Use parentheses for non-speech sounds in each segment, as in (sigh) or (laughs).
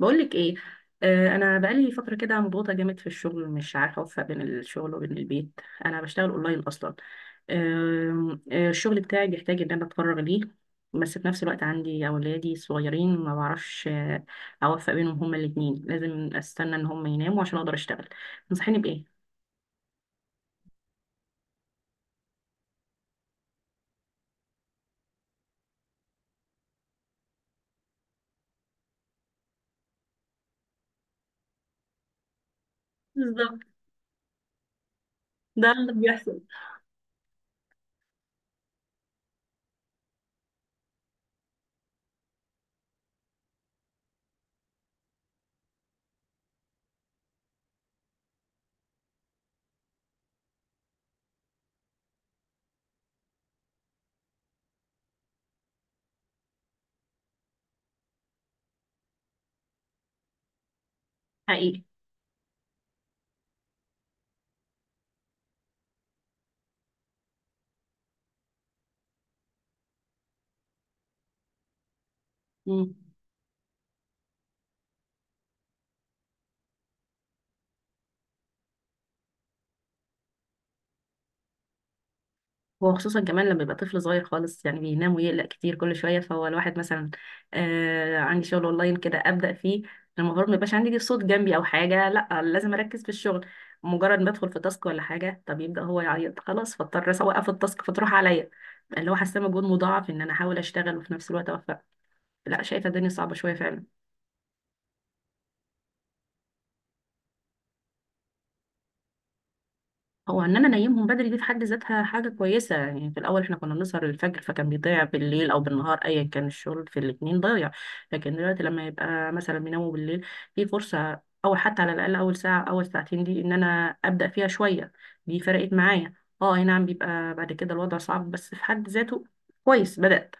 بقولك ايه؟ آه، انا بقالي فتره كده مضغوطه جامد في الشغل، مش عارفه اوفق بين الشغل وبين البيت. انا بشتغل اونلاين اصلا. آه، آه، الشغل بتاعي بيحتاج ان انا اتفرغ ليه، بس في نفس الوقت عندي اولادي صغيرين ما بعرفش اوفق بينهم، هما الاثنين لازم استنى ان هما يناموا عشان اقدر اشتغل. تنصحيني بايه؟ بالظبط. ده اللي بيحصل. حقيقي. مم. وخصوصا كمان لما يبقى طفل صغير خالص، يعني بينام ويقلق كتير كل شويه، فهو الواحد مثلا عندي شغل اونلاين كده ابدا فيه، المفروض ما يبقاش عندي صوت جنبي او حاجه، لا لازم اركز في الشغل. مجرد ما ادخل في تاسك ولا حاجه، طب يبدا هو يعيط، خلاص فاضطر اوقف التاسك فتروح عليا، اللي هو حاسه مجهود مضاعف ان انا احاول اشتغل وفي نفس الوقت اوفق. لا شايفه الدنيا صعبه شويه فعلا. هو ان انا انيمهم بدري دي في حد ذاتها حاجه كويسه، يعني في الاول احنا كنا بنسهر الفجر فكان بيضيع بالليل او بالنهار ايا كان، الشغل في الاتنين ضايع. لكن دلوقتي لما يبقى مثلا بيناموا بالليل في فرصه، او حتى على الاقل اول ساعه اول ساعتين دي ان انا ابدا فيها شويه، دي فرقت معايا. اه، اي نعم بيبقى بعد كده الوضع صعب، بس في حد ذاته كويس بدات.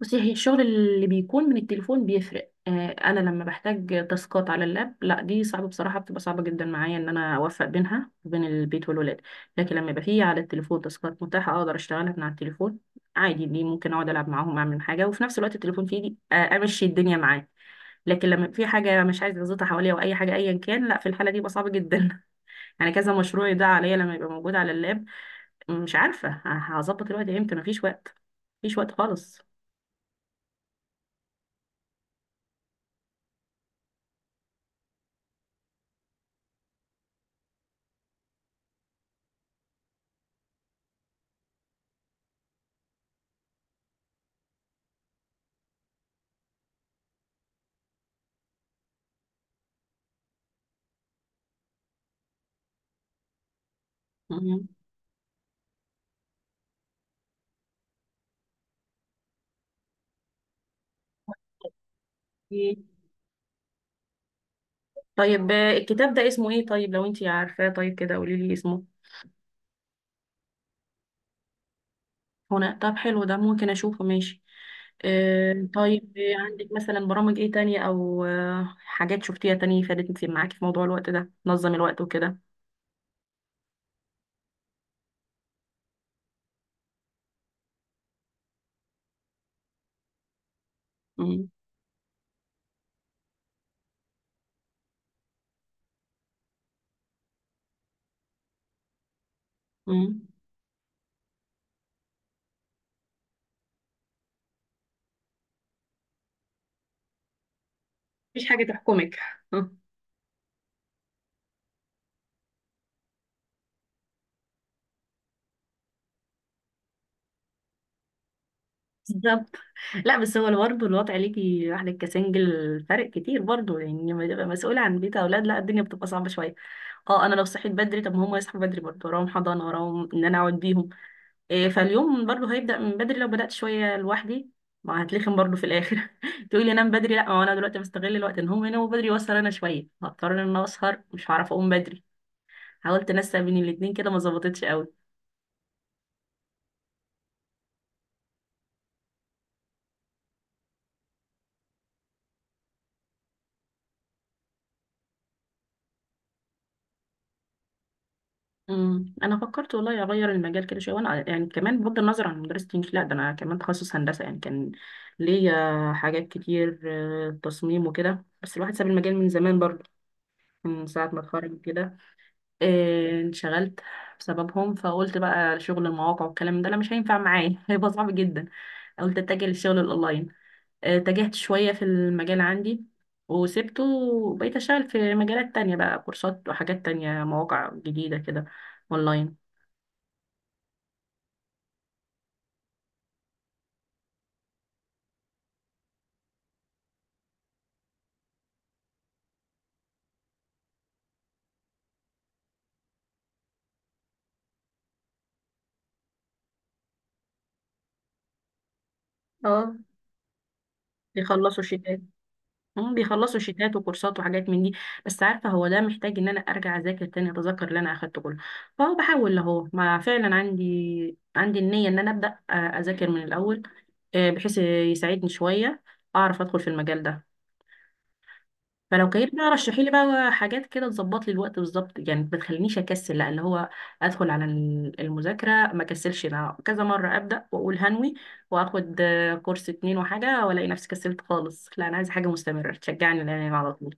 بصي، هي الشغل اللي بيكون من التليفون بيفرق. انا لما بحتاج تاسكات على اللاب لا، دي صعبه بصراحه، بتبقى صعبه جدا معايا ان انا اوفق بينها وبين البيت والولاد. لكن لما يبقى فيه على التليفون تاسكات متاحه اقدر اشتغلها من على التليفون عادي، دي ممكن اقعد العب معاهم، اعمل حاجه وفي نفس الوقت التليفون في ايدي، امشي الدنيا معاه. لكن لما في حاجه مش عايزه اظبطها حواليا او اي حاجه ايا كان، لا في الحاله دي بقى صعبه جدا. (laughs) يعني كذا مشروع ده عليا لما يبقى موجود على اللاب، مش عارفه هظبط الوقت امتى، مفيش وقت، مفيش وقت خالص. مم. طيب، الكتاب ده اسمه ايه طيب لو انتي عارفاه؟ طيب كده قولي لي اسمه. هنا؟ طب حلو، ده ممكن اشوفه ماشي. آه طيب، عندك مثلا برامج ايه تانية او آه حاجات شفتيها تانية فادت معاكي في موضوع الوقت ده، نظم الوقت وكده؟ مم. مم. مفيش حاجة تحكمك. (laughs) بالظبط. لا بس هو برضه الوضع ليكي واحدة كسنجل فرق كتير برضه، يعني لما تبقى مسؤولة عن بيت أولاد لا، الدنيا بتبقى صعبة شوية. اه، أنا لو صحيت بدري طب ما هم يصحوا بدري برضه، وراهم حضانة وراهم إن أنا أقعد بيهم. إيه، فاليوم برضو هيبدأ من بدري لو بدأت شوية لوحدي، ما هتلخم برضو في الآخر. (laughs) تقولي أنام بدري، لا ما هو أنا دلوقتي بستغل الوقت إن هم يناموا بدري وأسهر أنا شوية، هضطر إن أنا أسهر مش هعرف أقوم بدري. حاولت أنسق بين الاتنين كده ما ظبطتش قوي. امم، انا فكرت والله اغير المجال كده شويه، وانا يعني كمان بغض النظر عن مدرسه الانجليزي لا، ده انا كمان تخصص هندسه، يعني كان ليا حاجات كتير، تصميم وكده، بس الواحد ساب المجال من زمان برضو، من ساعه ما اتخرج كده. إيه، انشغلت بسببهم فقلت بقى شغل المواقع والكلام ده انا مش هينفع معايا. (laughs) هيبقى صعب جدا. قلت اتجه للشغل الاونلاين. إيه، اتجهت شوية في المجال عندي، وسبته وبقيت اشتغل في مجالات تانية بقى، كورسات وحاجات تانية مواقع جديدة كده اونلاين. اه، بيخلصوا شيتات. هم بيخلصوا شيتات وكورسات وحاجات من دي. بس عارفه هو ده محتاج ان انا ارجع اذاكر تاني اتذكر اللي انا اخدته كله، فهو بحاول اهو، ما فعلا عندي النيه ان انا ابدا اذاكر من الاول، آه، بحيث يساعدني شويه اعرف ادخل في المجال ده. فلو كيف بقى رشحي لي بقى حاجات كده تظبط لي الوقت بالظبط، يعني ما تخلينيش اكسل، لا اللي هو ادخل على المذاكره ما كسلش، لا كذا مره ابدا واقول هنوي، واخد كورس اتنين وحاجه والاقي نفسي كسلت خالص، لا انا عايزه حاجه مستمره تشجعني، لان على طول.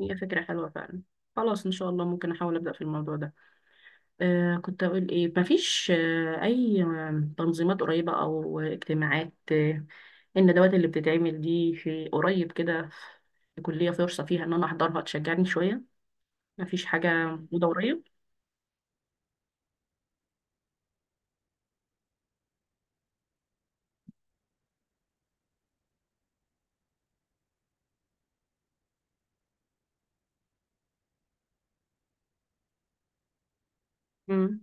هي فكرة حلوة فعلا. خلاص إن شاء الله ممكن أحاول أبدأ في الموضوع ده. آه كنت أقول إيه، مفيش آه أي آه، تنظيمات قريبة أو اجتماعات، الندوات اللي بتتعمل دي في قريب كده، في كلية فرصة فيها إن أنا أحضرها تشجعني شوية؟ مفيش حاجة موجودة قريب؟ مم.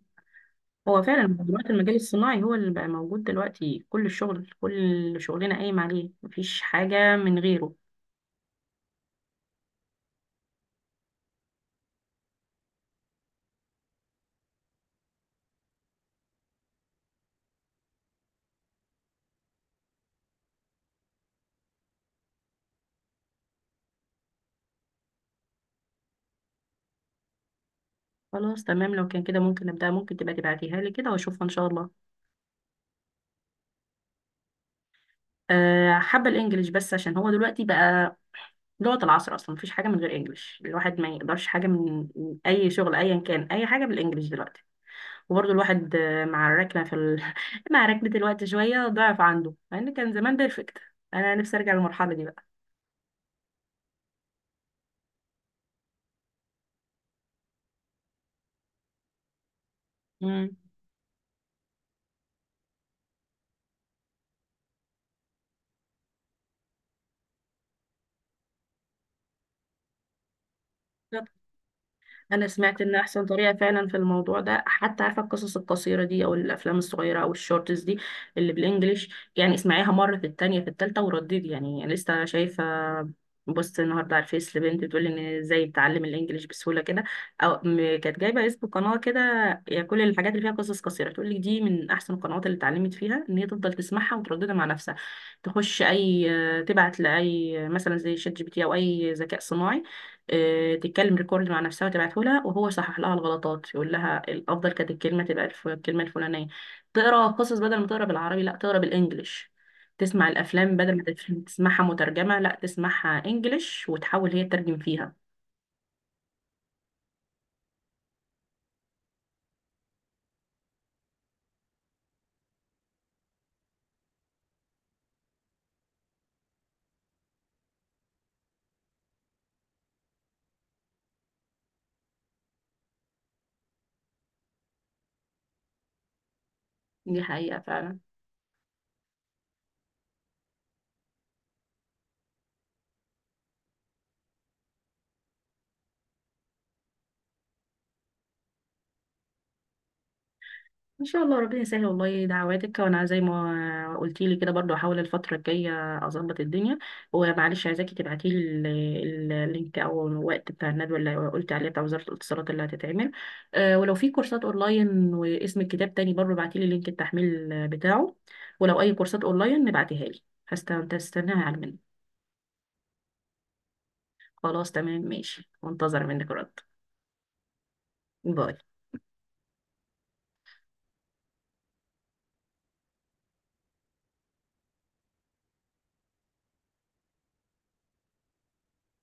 هو فعلا دلوقتي المجال الصناعي هو اللي بقى موجود دلوقتي، كل الشغل كل شغلنا قايم عليه، مفيش حاجة من غيره. خلاص تمام، لو كان كده ممكن أبدأ، ممكن تبقى تبعتيها لي كده وأشوفها إن شاء الله. حابة الانجليش، بس عشان هو دلوقتي بقى لغة العصر اصلا، مفيش حاجة من غير انجليش، الواحد ما يقدرش حاجة من اي شغل ايا كان، اي حاجة بالانجليش دلوقتي. وبرضه الواحد مع الركنة في (laughs) مع ركنة الوقت شوية ضعف عنده، مع ان كان زمان بيرفكت. انا نفسي ارجع للمرحلة دي بقى. مم. انا سمعت ان احسن طريقه فعلا في الموضوع ده، حتى عارفه القصص القصيره دي او الافلام الصغيره او الشورتس دي اللي بالانجليش، يعني اسمعيها مره في التانية في التالتة ورددي. يعني لسه شايفه بوست النهارده على الفيس لبنت بتقول ان ازاي بتعلم الانجليش بسهوله كده، او كانت جايبه اسم قناه كده، يعني كل الحاجات اللي فيها قصص قصيره تقول لك دي من احسن القنوات اللي اتعلمت فيها، ان هي تفضل تسمعها وترددها مع نفسها، تخش اي، تبعت لاي مثلا زي شات جي بي تي او اي ذكاء صناعي، تتكلم ريكورد مع نفسها وتبعته لها وهو يصحح لها الغلطات، يقول لها الافضل كانت الكلمه تبقى الكلمه الفلانيه، تقرا قصص بدل ما تقرا بالعربي لا، تقرا بالانجلش، تسمع الافلام بدل ما تسمعها مترجمه لا، تسمعها انجلش وتحاول هي تترجم فيها. دي حقيقه فعلا. ان شاء الله ربنا يسهل والله، دعواتك، وانا زي ما قلتي لي كده برضو احاول الفتره الجايه اظبط الدنيا. ومعلش عايزاكي تبعتي لي اللينك او الوقت بتاع الندوه اللي قلت عليها بتاع وزاره الاتصالات اللي هتتعمل. أه ولو في كورسات اونلاين، واسم الكتاب تاني برضو ابعتي لي لينك التحميل بتاعه، ولو اي كورسات اونلاين نبعتيها لي. هستناها على منك. خلاص تمام ماشي، منتظره منك رد. باي.